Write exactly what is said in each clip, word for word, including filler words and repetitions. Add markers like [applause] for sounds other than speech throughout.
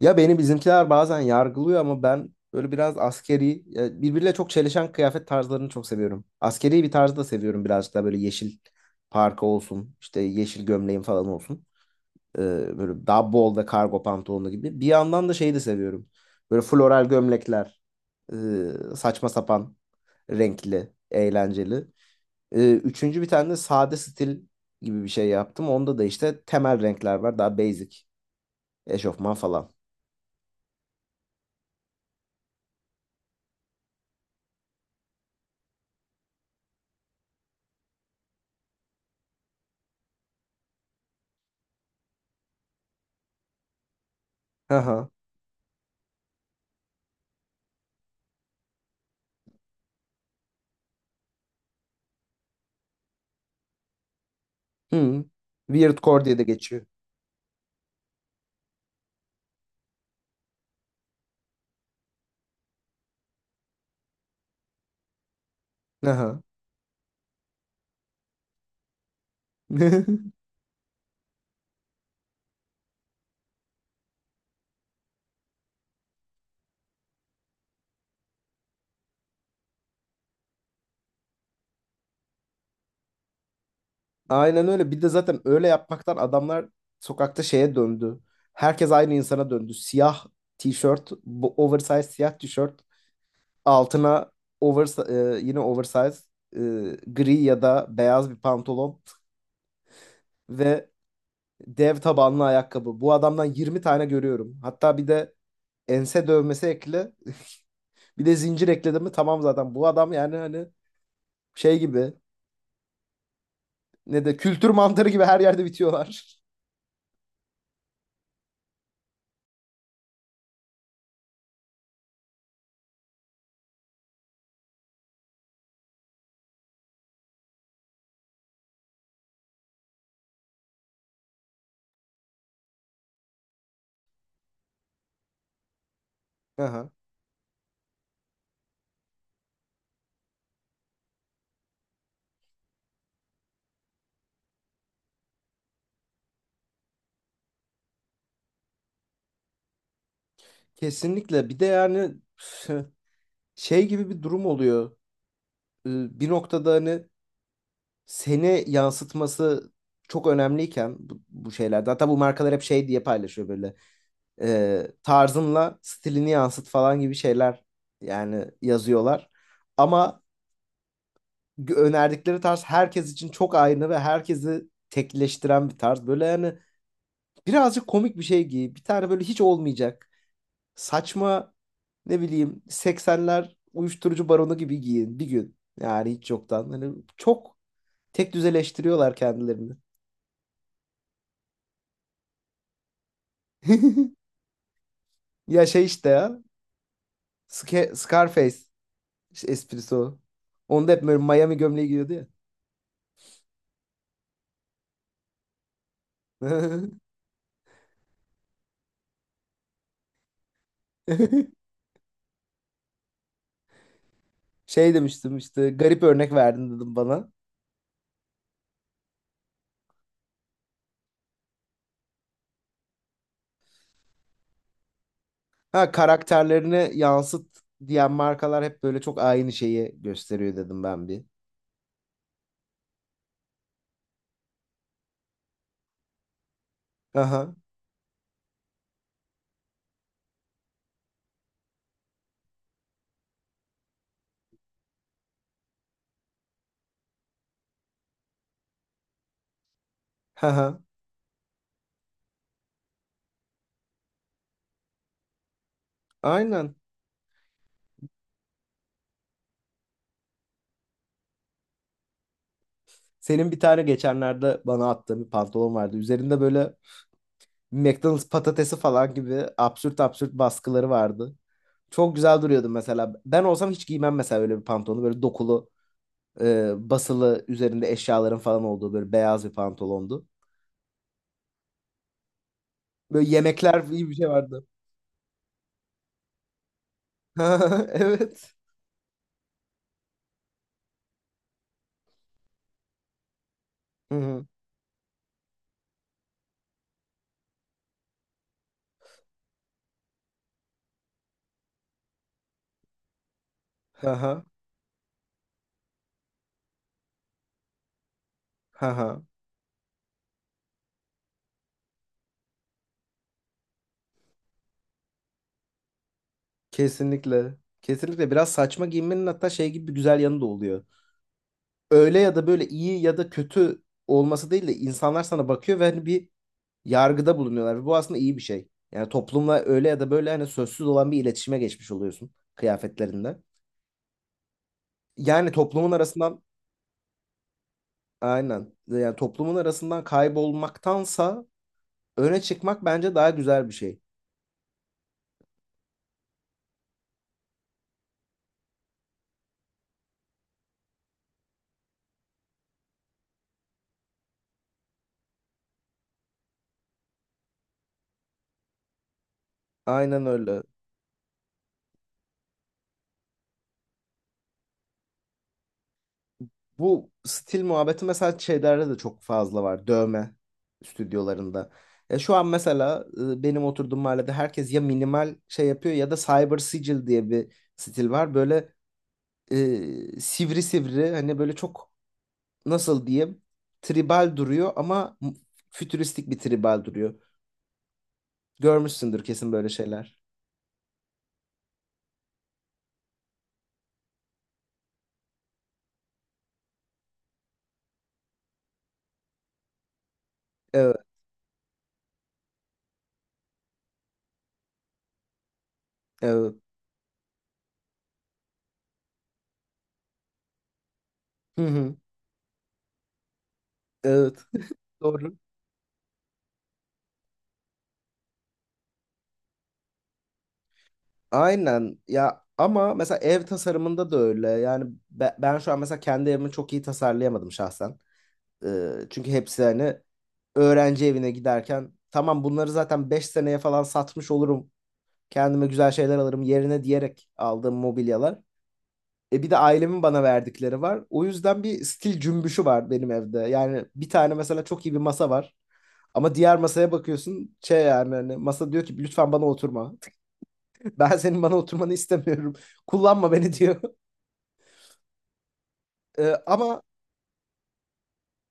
Ya beni bizimkiler bazen yargılıyor ama ben böyle biraz askeri, ya birbiriyle çok çelişen kıyafet tarzlarını çok seviyorum. Askeri bir tarzı da seviyorum birazcık daha böyle yeşil parka olsun, işte yeşil gömleğim falan olsun. Ee, böyle daha bol ve kargo pantolonu gibi. Bir yandan da şeyi de seviyorum. Böyle floral gömlekler, ee, saçma sapan, renkli, eğlenceli. Ee, üçüncü bir tane de sade stil gibi bir şey yaptım. Onda da işte temel renkler var, daha basic. Eşofman falan. Aha. Hı. Weird core diye de geçiyor. Aha. [laughs] Aynen öyle. Bir de zaten öyle yapmaktan adamlar sokakta şeye döndü. Herkes aynı insana döndü. Siyah tişört, bu oversize siyah tişört. Altına over, e, yine oversize, e, gri ya da beyaz bir pantolon ve dev tabanlı ayakkabı. Bu adamdan yirmi tane görüyorum. Hatta bir de ense dövmesi ekle. Bir de zincir ekledim mi tamam zaten. Bu adam yani hani şey gibi ne de kültür mantarı gibi her yerde bitiyorlar. [laughs] Aha. Kesinlikle. Bir de yani [laughs] şey gibi bir durum oluyor. Ee, Bir noktada hani seni yansıtması çok önemliyken bu, bu şeyler. Hatta bu markalar hep şey diye paylaşıyor böyle. E, tarzınla stilini yansıt falan gibi şeyler yani yazıyorlar. Ama gö- önerdikleri tarz herkes için çok aynı ve herkesi tekleştiren bir tarz. Böyle yani birazcık komik bir şey giy. Bir tane böyle hiç olmayacak. Saçma ne bileyim seksenler uyuşturucu baronu gibi giyin bir gün. Yani hiç yoktan. Hani çok tek düzeleştiriyorlar kendilerini. [laughs] Ya şey işte ya. Sca- Scarface esprisi o. Onda hep böyle Miami gömleği giyiyordu ya. [laughs] Şey demiştim işte garip örnek verdin dedim bana. Ha karakterlerini yansıt diyen markalar hep böyle çok aynı şeyi gösteriyor dedim ben bir. Aha. Aha. Aynen. Senin bir tane geçenlerde bana attığın bir pantolon vardı. Üzerinde böyle McDonald's patatesi falan gibi absürt absürt baskıları vardı. Çok güzel duruyordu mesela. Ben olsam hiç giymem mesela öyle bir pantolonu. Böyle dokulu, e, basılı, üzerinde eşyaların falan olduğu böyle beyaz bir pantolondu. Böyle yemekler gibi bir şey vardı. [laughs] Evet. Hı hı. Aha. Aha. Kesinlikle. Kesinlikle biraz saçma giyinmenin hatta şey gibi bir güzel yanı da oluyor. Öyle ya da böyle iyi ya da kötü olması değil de insanlar sana bakıyor ve hani bir yargıda bulunuyorlar. Ve bu aslında iyi bir şey. Yani toplumla öyle ya da böyle hani sözsüz olan bir iletişime geçmiş oluyorsun kıyafetlerinde. Yani toplumun arasından. Aynen. Yani toplumun arasından kaybolmaktansa öne çıkmak bence daha güzel bir şey. Aynen öyle. Bu stil muhabbeti mesela şeylerde de çok fazla var. Dövme stüdyolarında. E şu an mesela e, benim oturduğum mahallede herkes ya minimal şey yapıyor ya da cyber sigil diye bir stil var. Böyle e, sivri sivri hani böyle çok nasıl diyeyim tribal duruyor ama m- fütüristik bir tribal duruyor. Görmüşsündür kesin böyle şeyler. Evet, evet. Hı hı, evet. [laughs] Doğru. Aynen ya ama mesela ev tasarımında da öyle. Yani be- ben şu an mesela kendi evimi çok iyi tasarlayamadım şahsen. Ee, çünkü hepsi hani öğrenci evine giderken tamam bunları zaten beş seneye falan satmış olurum. Kendime güzel şeyler alırım yerine diyerek aldığım mobilyalar. E bir de ailemin bana verdikleri var. O yüzden bir stil cümbüşü var benim evde. Yani bir tane mesela çok iyi bir masa var. Ama diğer masaya bakıyorsun şey yani hani masa diyor ki lütfen bana oturma. Ben senin bana oturmanı istemiyorum. Kullanma beni diyor. Ee, ama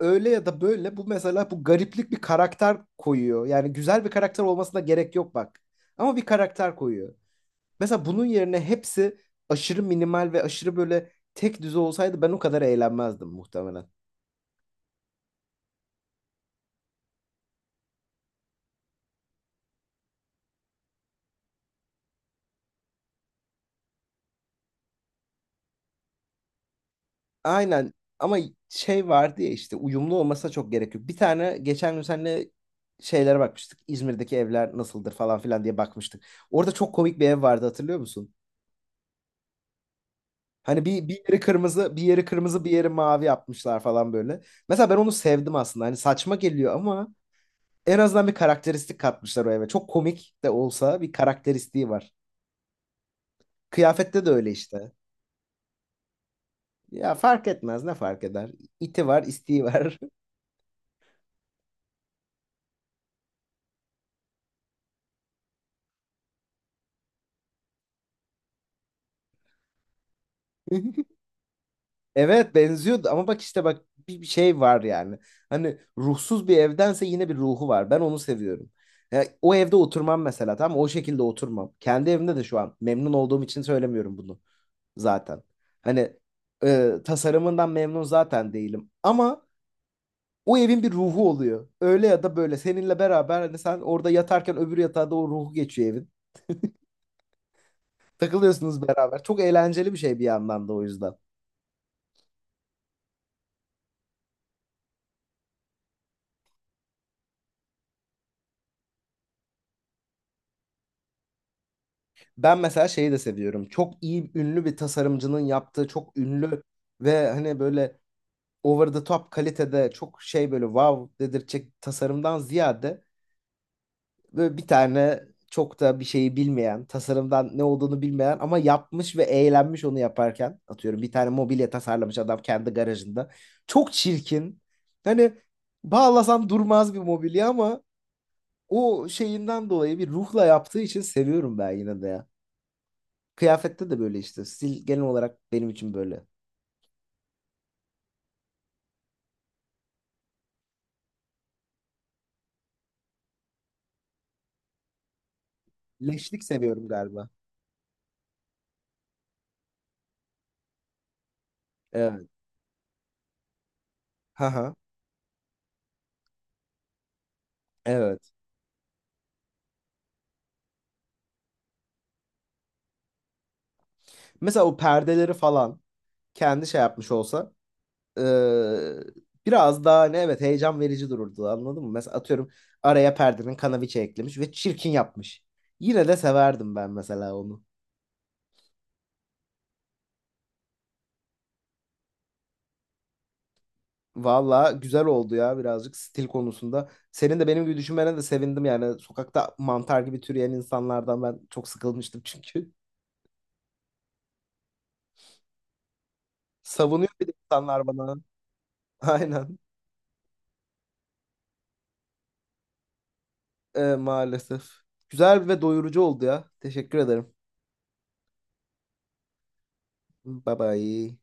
öyle ya da böyle bu mesela bu gariplik bir karakter koyuyor. Yani güzel bir karakter olmasına gerek yok bak. Ama bir karakter koyuyor. Mesela bunun yerine hepsi aşırı minimal ve aşırı böyle tek düze olsaydı ben o kadar eğlenmezdim muhtemelen. Aynen ama şey vardı ya işte uyumlu olmasına çok gerek yok. Bir tane geçen gün seninle şeylere bakmıştık. İzmir'deki evler nasıldır falan filan diye bakmıştık. Orada çok komik bir ev vardı hatırlıyor musun? Hani bir, bir yeri kırmızı, bir yeri kırmızı, bir yeri mavi yapmışlar falan böyle. Mesela ben onu sevdim aslında. Hani saçma geliyor ama en azından bir karakteristik katmışlar o eve. Çok komik de olsa bir karakteristiği var. Kıyafette de öyle işte. Ya fark etmez ne fark eder? İti var, isteği var. [laughs] Evet benziyordu ama bak işte bak bir bir şey var yani. Hani ruhsuz bir evdense yine bir ruhu var. Ben onu seviyorum. Ya, o evde oturmam mesela tamam mı? O şekilde oturmam. Kendi evimde de şu an memnun olduğum için söylemiyorum bunu zaten. Hani e, tasarımından memnun zaten değilim. Ama o evin bir ruhu oluyor. Öyle ya da böyle seninle beraber hani sen orada yatarken öbür yatağa da o ruhu geçiyor evin. Takılıyorsunuz beraber. Çok eğlenceli bir şey bir yandan da o yüzden. Ben mesela şeyi de seviyorum. Çok iyi ünlü bir tasarımcının yaptığı çok ünlü ve hani böyle over the top kalitede çok şey böyle wow dedirtecek tasarımdan ziyade böyle bir tane çok da bir şeyi bilmeyen, tasarımdan ne olduğunu bilmeyen ama yapmış ve eğlenmiş onu yaparken. Atıyorum bir tane mobilya tasarlamış adam kendi garajında. Çok çirkin. Hani bağlasan durmaz bir mobilya ama o şeyinden dolayı bir ruhla yaptığı için seviyorum ben yine de ya. Kıyafette de böyle işte. Stil genel olarak benim için böyle. Leşlik seviyorum galiba. Evet. Haha. Evet. Mesela o perdeleri falan kendi şey yapmış olsa eee, biraz daha hani evet heyecan verici dururdu anladın mı? Mesela atıyorum araya perdenin kanaviçe eklemiş ve çirkin yapmış. Yine de severdim ben mesela onu. Valla güzel oldu ya birazcık stil konusunda. Senin de benim gibi düşünmene de sevindim yani. Sokakta mantar gibi türeyen insanlardan ben çok sıkılmıştım çünkü. [laughs] Savunuyor bir de insanlar bana. [laughs] Aynen. Ee, maalesef. Güzel ve doyurucu oldu ya. Teşekkür ederim. Bye bye.